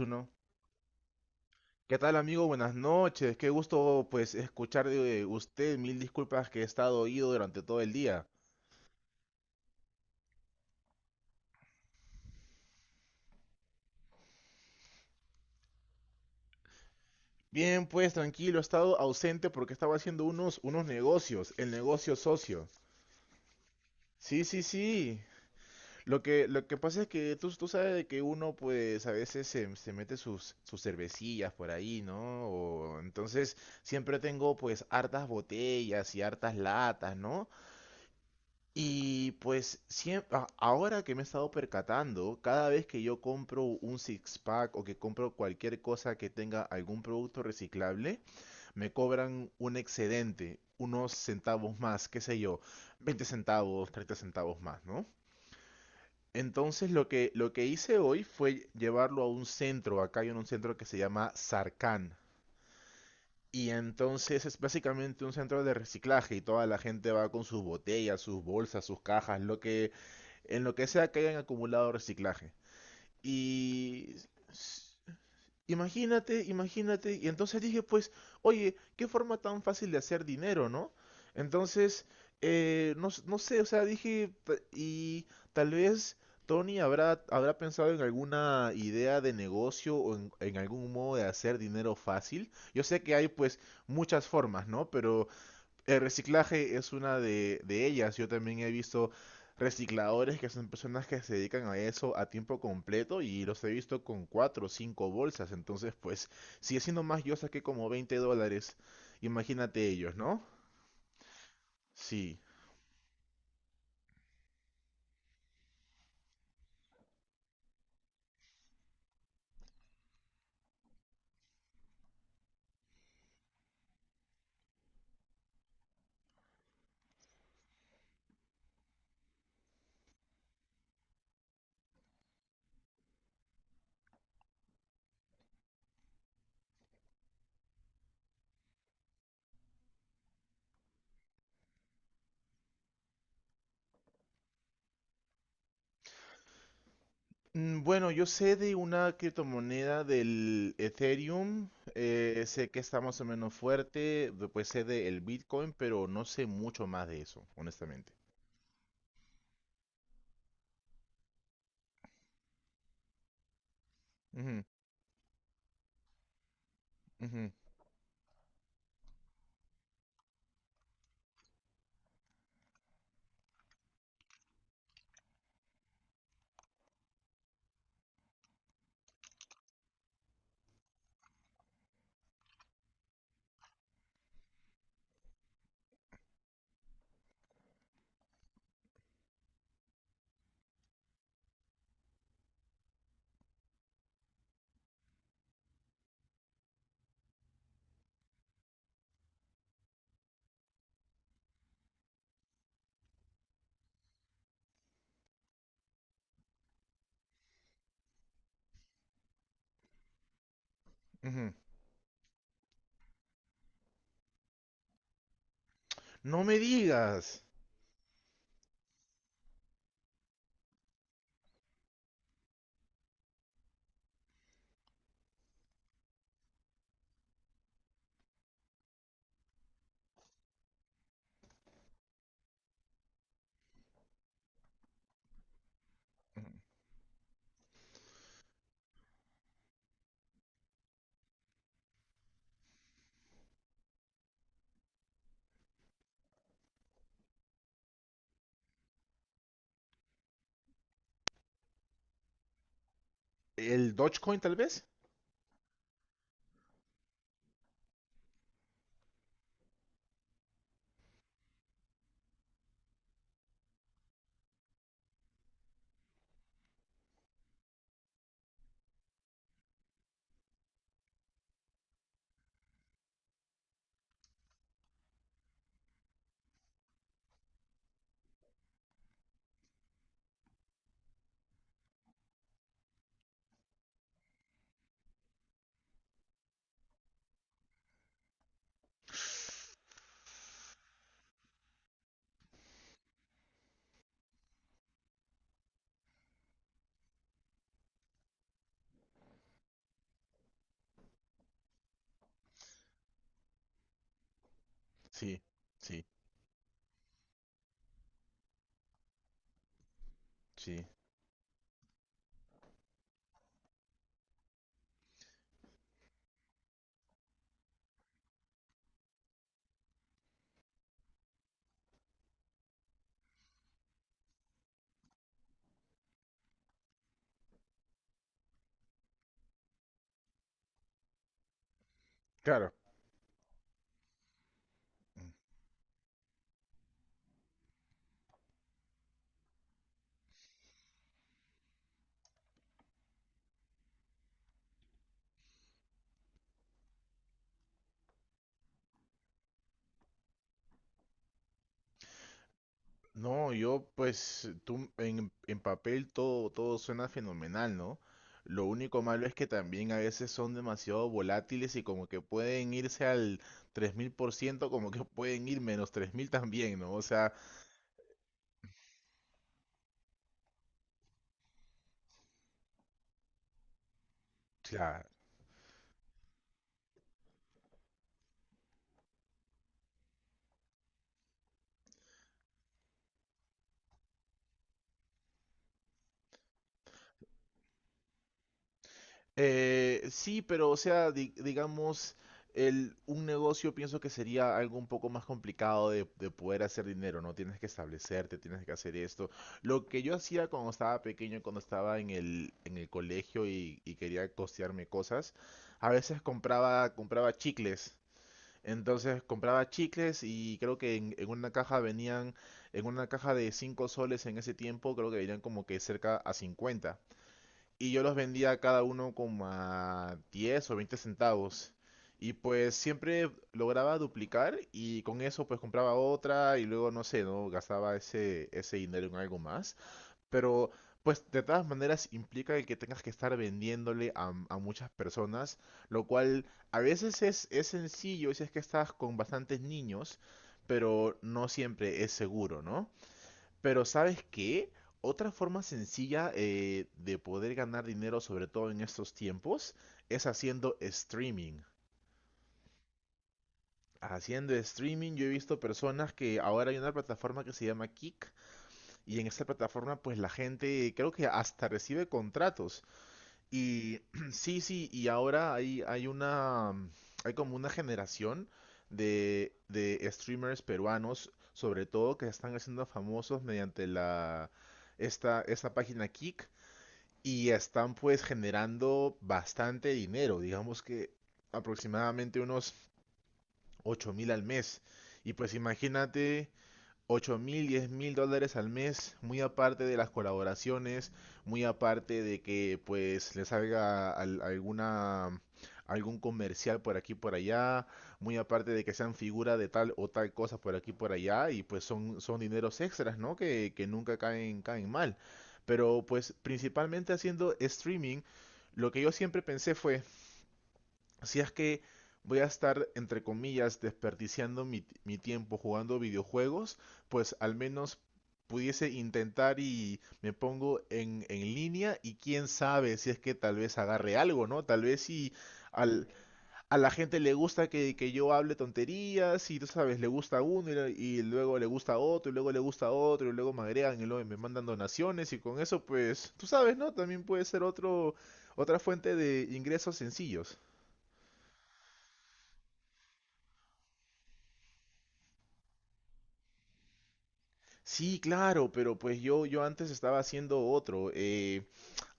Uno. ¿Qué tal, amigo? Buenas noches. Qué gusto pues escuchar de usted. Mil disculpas que he estado oído durante todo el día. Bien, pues tranquilo, he estado ausente porque estaba haciendo unos negocios, el negocio socio. Sí, sí, sí. Lo que pasa es que tú sabes de que uno pues a veces se mete sus cervecillas por ahí, ¿no? O, entonces siempre tengo pues hartas botellas y hartas latas, ¿no? Y pues ahora que me he estado percatando, cada vez que yo compro un six pack o que compro cualquier cosa que tenga algún producto reciclable, me cobran un excedente, unos centavos más, qué sé yo, 20 centavos, 30 centavos más, ¿no? Entonces lo que hice hoy fue llevarlo a un centro, acá hay un centro que se llama Sarcan, y entonces es básicamente un centro de reciclaje y toda la gente va con sus botellas, sus bolsas, sus cajas, lo que en lo que sea que hayan acumulado reciclaje. Y imagínate, imagínate. Y entonces dije, pues, oye, qué forma tan fácil de hacer dinero, ¿no? Entonces, no, no sé, o sea, dije, tal vez Tony habrá pensado en alguna idea de negocio o en algún modo de hacer dinero fácil. Yo sé que hay, pues, muchas formas, ¿no? Pero el reciclaje es una de ellas. Yo también he visto recicladores que son personas que se dedican a eso a tiempo completo y los he visto con cuatro o cinco bolsas. Entonces, pues, si haciendo más, yo saqué como $20. Imagínate ellos, ¿no? Sí. Bueno, yo sé de una criptomoneda del Ethereum, sé que está más o menos fuerte, después sé del Bitcoin, pero no sé mucho más de eso, honestamente. Ujú, ujú, ujú. No me digas. ¿El Dogecoin tal vez? Sí, sí, sí. Claro. No, yo pues tú en papel todo, todo suena fenomenal, ¿no? Lo único malo es que también a veces son demasiado volátiles y como que pueden irse al 3000% como que pueden ir menos 3000 también, ¿no? O sea, sí, pero o sea, digamos, un negocio pienso que sería algo un poco más complicado de poder hacer dinero, ¿no? Tienes que establecerte, tienes que hacer esto. Lo que yo hacía cuando estaba pequeño, cuando estaba en el colegio y quería costearme cosas, a veces compraba chicles. Entonces compraba chicles y creo que en una caja venían, en una caja de 5 soles en ese tiempo, creo que venían como que cerca a 50 y yo los vendía a cada uno como a 10 o 20 centavos. Y pues siempre lograba duplicar y con eso pues compraba otra y luego no sé, ¿no? Gastaba ese dinero en algo más. Pero pues de todas maneras implica el que tengas que estar vendiéndole a muchas personas, lo cual a veces es sencillo si es que estás con bastantes niños, pero no siempre es seguro, ¿no? Pero ¿sabes qué? Otra forma sencilla de poder ganar dinero, sobre todo en estos tiempos, es haciendo streaming. Haciendo streaming yo he visto personas que ahora hay una plataforma que se llama Kick y en esta plataforma pues la gente creo que hasta recibe contratos. Y sí, sí, y ahora hay una, hay como una generación de streamers peruanos, sobre todo que se están haciendo famosos mediante esta página Kick y están pues generando bastante dinero, digamos que aproximadamente unos 8000 al mes. Y pues imagínate 8000, $10 000 al mes, muy aparte de las colaboraciones, muy aparte de que pues le salga alguna, algún comercial por aquí por allá, muy aparte de que sean figura de tal o tal cosa por aquí por allá, y pues son, son dineros extras, ¿no? Que nunca caen, caen mal. Pero pues principalmente haciendo streaming, lo que yo siempre pensé fue, si es que voy a estar, entre comillas, desperdiciando mi tiempo jugando videojuegos, pues al menos pudiese intentar y me pongo en línea y quién sabe si es que tal vez agarre algo, ¿no? Tal vez si al, a la gente le gusta que yo hable tonterías y tú sabes, le gusta a uno y, luego le gusta a otro y luego le gusta a otro y luego me agregan y luego me mandan donaciones y con eso pues, tú sabes, ¿no? También puede ser otro, otra fuente de ingresos sencillos. Sí, claro, pero pues yo antes estaba haciendo otro.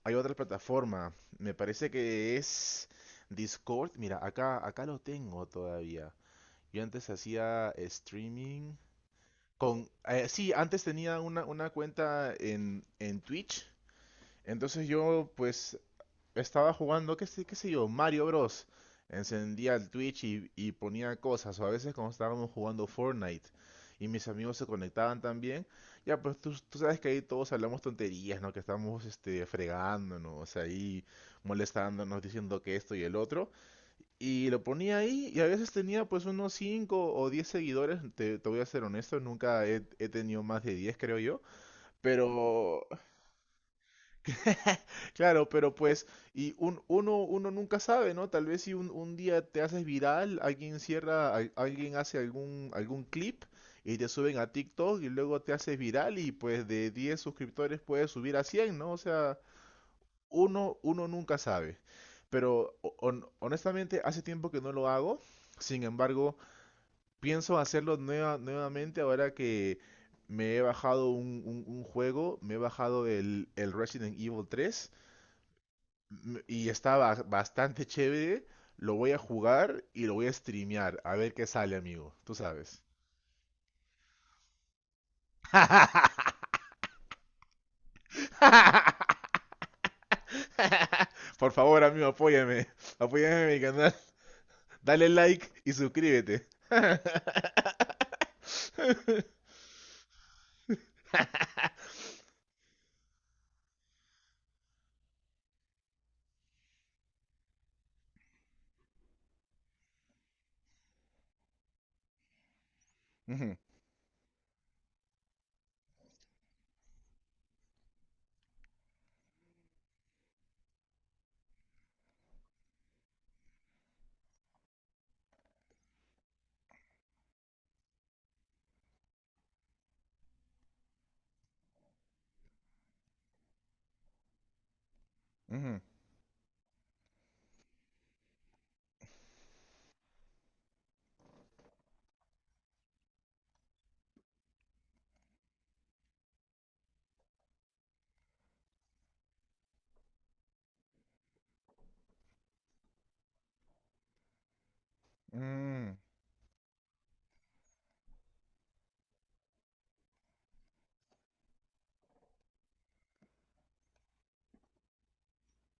Hay otra plataforma. Me parece que es Discord. Mira, acá, acá lo tengo todavía. Yo antes hacía streaming con... sí, antes tenía una cuenta en Twitch. Entonces yo pues estaba jugando, qué sé yo, Mario Bros. Encendía el Twitch y ponía cosas, o a veces cuando estábamos jugando Fortnite y mis amigos se conectaban también, ya pues tú sabes que ahí todos hablamos tonterías, ¿no? Que estamos este, fregándonos, ahí molestándonos, diciendo que esto y el otro. Y lo ponía ahí y a veces tenía pues unos 5 o 10 seguidores, te, te voy a ser honesto, nunca he tenido más de 10 creo yo, pero claro, pero pues, y uno nunca sabe, ¿no? Tal vez si un día te haces viral, alguien cierra, alguien hace algún, algún clip y te suben a TikTok y luego te haces viral y pues de 10 suscriptores puedes subir a 100, ¿no? O sea, uno, uno nunca sabe. Pero honestamente, hace tiempo que no lo hago. Sin embargo, pienso hacerlo nuevamente ahora que me he bajado un, un juego, me he bajado el Resident Evil 3 y está bastante chévere. Lo voy a jugar y lo voy a streamear. A ver qué sale, amigo. Tú sabes. Por favor, amigo, apóyame. Apóyame en mi canal. Dale like y suscríbete. Ujú, ujú, mm,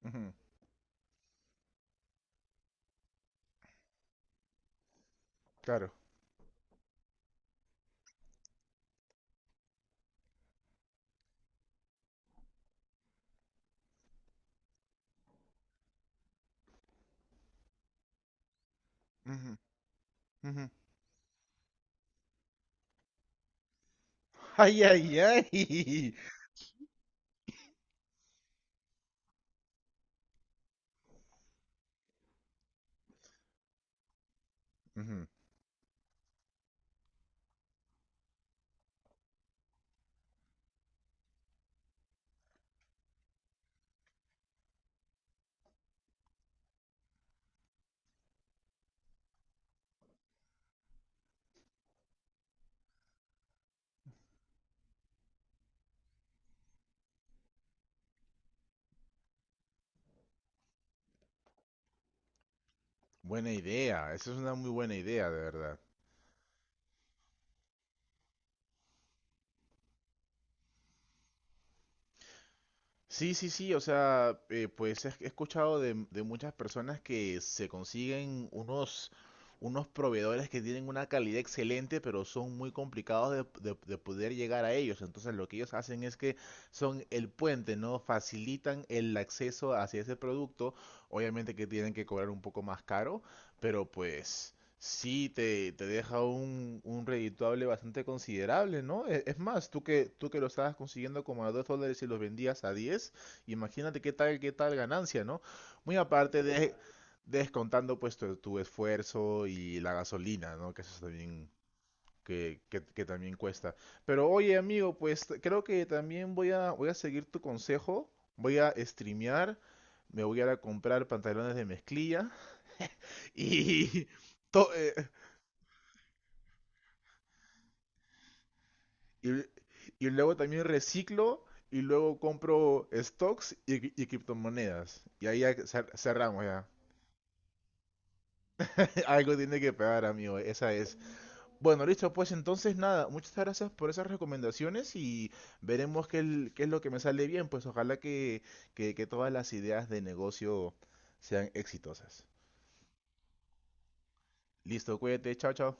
ujú, claro. Ujú, ujú. Ay, ay, ay. Ujú. Buena idea. Esa es una muy buena idea, de verdad. Sí, sí, sí, o sea, pues he escuchado de muchas personas que se consiguen unos, unos proveedores que tienen una calidad excelente, pero son muy complicados de, de poder llegar a ellos. Entonces lo que ellos hacen es que son el puente, ¿no? Facilitan el acceso hacia ese producto. Obviamente que tienen que cobrar un poco más caro, pero pues sí, te deja un redituable bastante considerable, ¿no? Es más, tú que lo estabas consiguiendo como a $2 y los vendías a diez, imagínate qué tal ganancia, ¿no? Muy aparte de descontando pues tu esfuerzo y la gasolina, ¿no? Que eso es también, que también cuesta. Pero oye, amigo, pues creo que también voy a, voy a seguir tu consejo, voy a streamear, me voy a ir a comprar pantalones de mezclilla y... to- eh, Y, y luego también reciclo y luego compro stocks y, y criptomonedas. Y ahí ya cerramos ya. Algo tiene que pegar, amigo. Esa es. Bueno, listo, pues entonces nada. Muchas gracias por esas recomendaciones y veremos qué, qué es lo que me sale bien. Pues ojalá que todas las ideas de negocio sean exitosas. Listo, cuídate. Chao, chao.